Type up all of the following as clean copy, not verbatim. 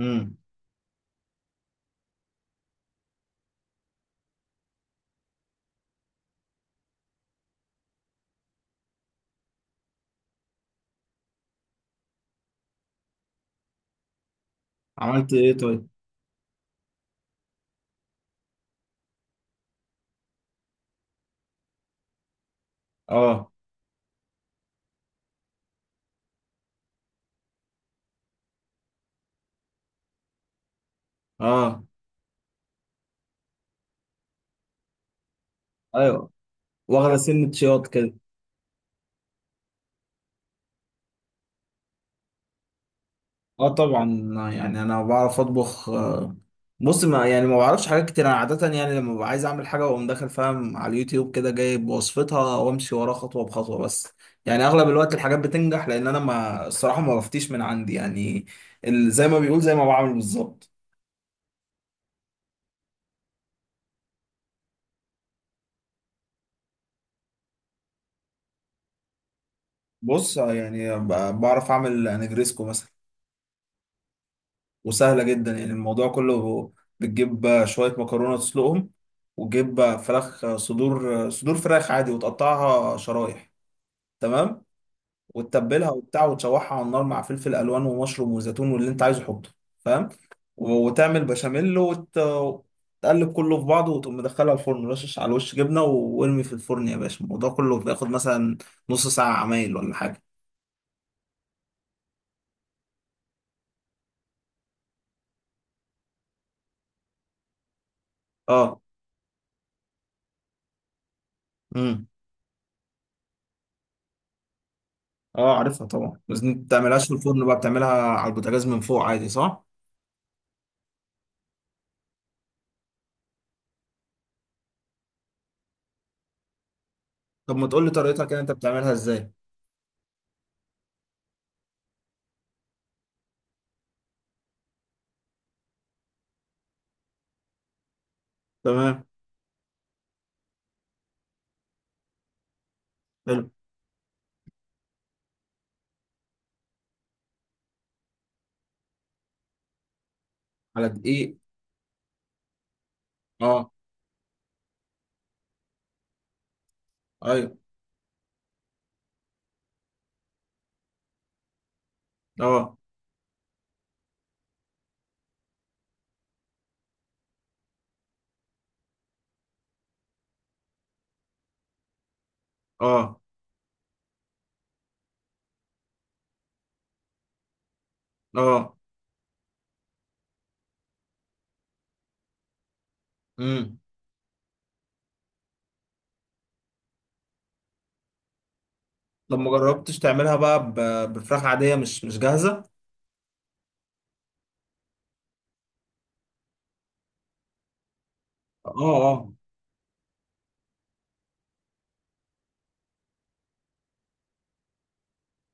امم. عملت ايه طيب؟ اه. اه. ايوه، واخده سنة شياط كده. اه طبعا. يعني انا بعرف اطبخ. بص، ما يعني ما بعرفش حاجات كتير. انا عادة يعني لما ببقى عايز اعمل حاجة واقوم داخل، فاهم، على اليوتيوب كده جايب وصفتها وامشي وراها خطوة بخطوة بس. يعني اغلب الوقت الحاجات بتنجح لان انا ما الصراحة ما بفتيش من عندي يعني. زي ما بيقول، زي ما بعمل بالظبط. بص، يعني بعرف اعمل نجريسكو مثلا، وسهلة جدا يعني. الموضوع كله، بتجيب شوية مكرونة تسلقهم، وتجيب فراخ صدور صدور فراخ عادي وتقطعها شرايح، تمام، وتتبلها وبتاع وتشوحها على النار مع فلفل ألوان ومشروم وزيتون واللي أنت عايزه حطه، فاهم، وتعمل بشاميل وتقلب كله في بعضه وتقوم مدخلها الفرن، رشش على الوش جبنة وارمي في الفرن يا باشا. الموضوع كله بياخد مثلا نص ساعة عمايل ولا حاجة. اه. امم. اه، عارفها طبعا. بس انت بتعملهاش في الفرن، بقى بتعملها على البوتاجاز من فوق عادي، صح؟ طب ما تقول لي طريقتها كده، انت بتعملها ازاي؟ تمام. حلو. على دقيق. اه. ايوه. اه. اه. اه. امم. طب ما جربتش تعملها بقى بفراخ عادية مش مش جاهزة؟ اه. اه.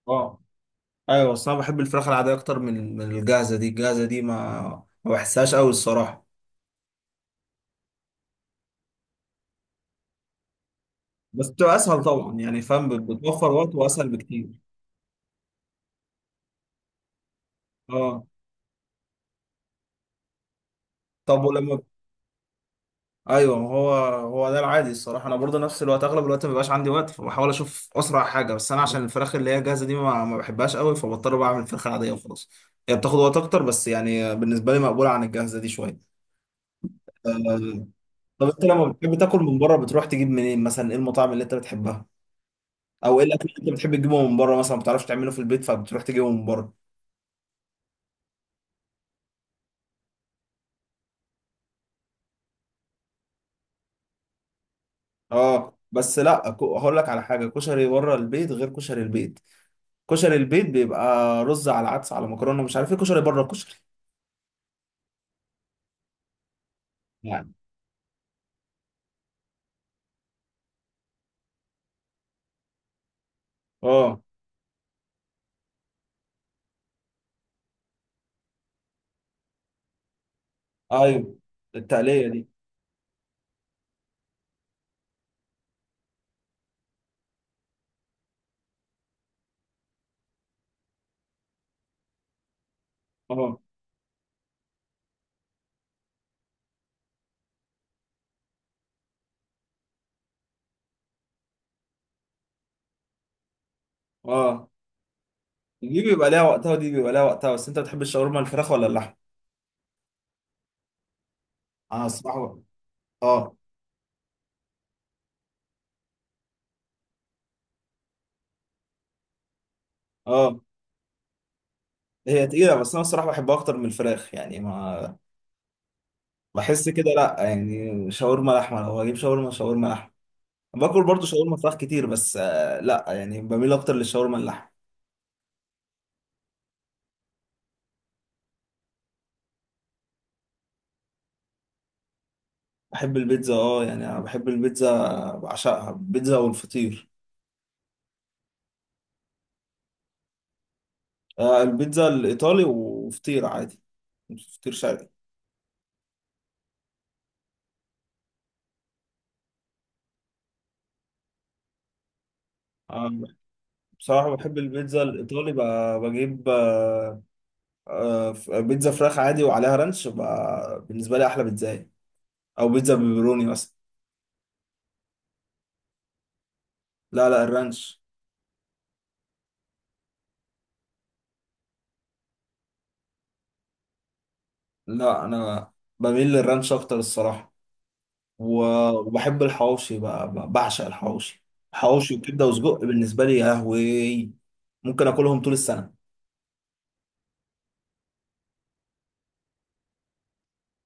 اه، ايوه. بس انا بحب الفراخ العادية اكتر من الجاهزة دي. الجاهزة دي ما بحسهاش قوي الصراحة. بس بتبقى اسهل طبعا، يعني فاهم، بتوفر وقت واسهل بكتير. اه. طب ولما… ايوه، ما هو ده العادي الصراحه. انا برضه نفس الوقت اغلب الوقت ما بيبقاش عندي وقت، فبحاول اشوف اسرع حاجه. بس انا عشان الفراخ اللي هي جاهزه دي ما بحبهاش قوي، فبضطر بعمل الفراخ العاديه وخلاص. هي بتاخد وقت اكتر، بس يعني بالنسبه لي مقبوله عن الجاهزه دي شويه. أه، طب انت لما بتحب تاكل من بره، بتروح تجيب منين مثلا؟ ايه المطاعم اللي انت بتحبها، او ايه الاكل اللي انت بتحب تجيبه من بره مثلا ما بتعرفش تعمله في البيت فبتروح تجيبه من بره؟ اه بس لا، هقول لك على حاجه: كشري بره البيت غير كشري البيت. كشري البيت بيبقى رز على عدس على مكرونه، مش عارف ايه. كشري بره الكشري يعني. اه. ايوه التقليه دي. اه. اه. دي بيبقى ليها وقتها ودي بيبقى ليها وقتها. بس انت بتحب الشاورما الفراخ ولا اللحم؟ انا الصراحه… اه. اه. هي تقيله، بس انا الصراحه بحبها اكتر من الفراخ. يعني ما بحس كده، لا، يعني شاورما لحمه. لو هجيب شاورما، شاورما لحمه. باكل برضو شاورما فراخ كتير، بس آه لا يعني بميل اكتر للشاورما اللحم. بحب البيتزا اه، يعني انا بحب البيتزا، بعشقها البيتزا والفطير. آه، البيتزا الايطالي وفطير عادي، فطير شرقي. آه. بصراحة بحب البيتزا الإيطالي بقى، بجيب بيتزا فراخ عادي وعليها رانش، بقى بالنسبة لي أحلى بيتزا يعني. أو بيتزا بيبروني مثلا. لا لا الرانش. لا أنا بميل للرانش أكتر الصراحة. وبحب الحواوشي بقى، بعشق الحواوشي. حواوشي وكبدة وسجق بالنسبة لي يا لهوي، ممكن آكلهم طول السنة.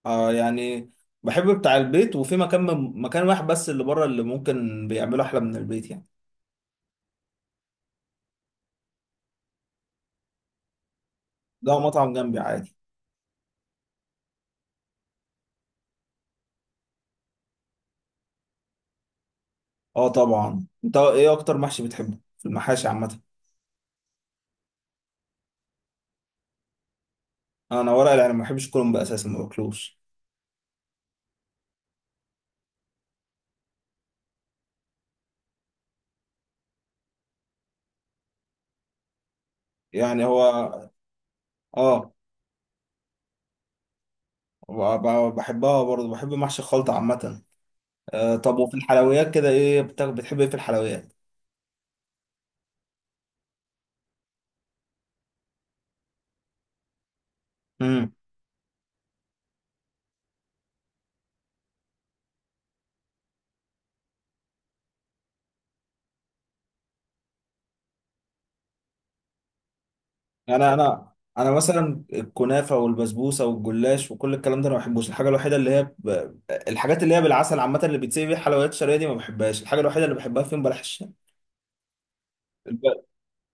آه يعني بحب بتاع البيت، وفي مكان، مكان واحد بس اللي بره اللي ممكن بيعمله أحلى من البيت يعني. ده مطعم جنبي عادي. اه طبعا. انت ايه اكتر محشي بتحبه في المحاشي عامه؟ انا ورق العنب. ما بحبش كرنب اساسا، ما باكلوش. يعني هو… اه ب- بحبها برضه، بحب محشي الخلطه عامه. آه طب وفي الحلويات كده، ايه بتحب ايه في الحلويات؟ امم. انا انا انا مثلا الكنافه والبسبوسه والجلاش وكل الكلام ده انا ما بحبوش. الحاجه الوحيده اللي هي الحاجات اللي هي بالعسل عامه اللي بيتسيب بيها الحلويات الشرقيه دي ما بحبهاش. الحاجه الوحيده اللي بحبها فيهم بلح الشام.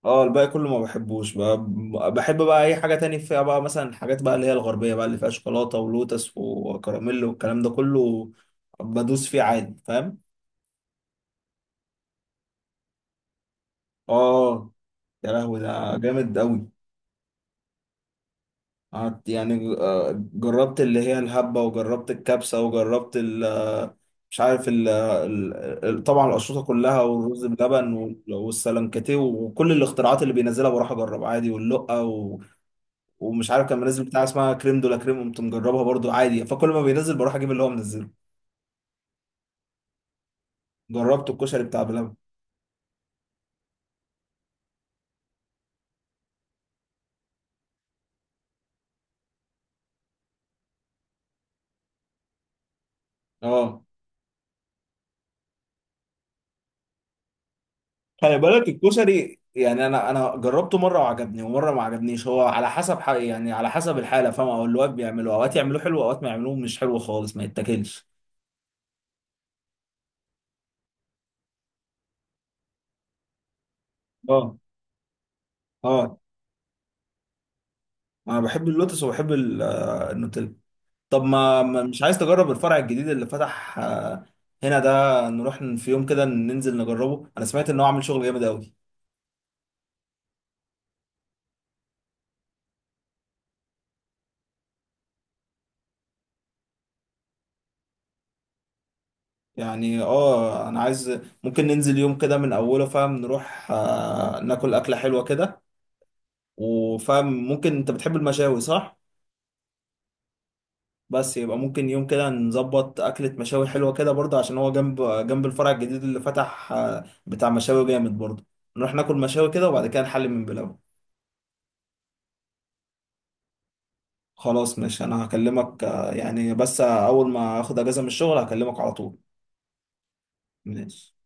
اه، الباقي كله ما بحبوش. بحب بقى اي حاجه تاني فيها، بقى مثلا الحاجات بقى اللي هي الغربيه بقى اللي فيها شوكولاته ولوتس وكراميل والكلام ده كله، بدوس فيه عادي فاهم. اه، يا لهوي ده جامد قوي. قعدت، يعني جربت اللي هي الهبه، وجربت الكبسه، وجربت ال آه، مش عارف طبعا الاشرطه كلها، والرز بلبن، والسلنكتيه، وكل الاختراعات اللي بينزلها بروح اجرب عادي واللقه. ومش عارف كان منزل بتاع اسمها كريم دولا كريم، قمت مجربها برضو عادي. فكل ما بينزل بروح اجيب اللي هو منزله. جربت الكشري بتاع بلبن. اه. خلي بالك الكشري، يعني انا جربته مره وعجبني ومره ما عجبنيش. هو على حسب حق يعني، على حسب الحاله فاهم، او اللي واقف بيعملوه، اوقات يعملوه حلو اوقات ما يعملوه مش حلو خالص ما يتاكلش. اه. اه. انا بحب اللوتس وبحب النوتيلا. طب مش عايز تجرب الفرع الجديد اللي فتح هنا ده؟ نروح في يوم كده ننزل نجربه. انا سمعت ان هو عامل شغل جامد قوي. يعني اه انا عايز، ممكن ننزل يوم كده من اوله فاهم، نروح ناكل اكله حلوه كده، وفاهم ممكن انت بتحب المشاوي صح؟ بس يبقى ممكن يوم كده نظبط اكله مشاوي حلوه كده برضه، عشان هو جنب جنب الفرع الجديد اللي فتح بتاع مشاوي جامد برضه، نروح ناكل مشاوي كده وبعد كده نحل من بلاوي. خلاص ماشي، انا هكلمك يعني بس اول ما اخد اجازه من الشغل هكلمك على طول. ماشي.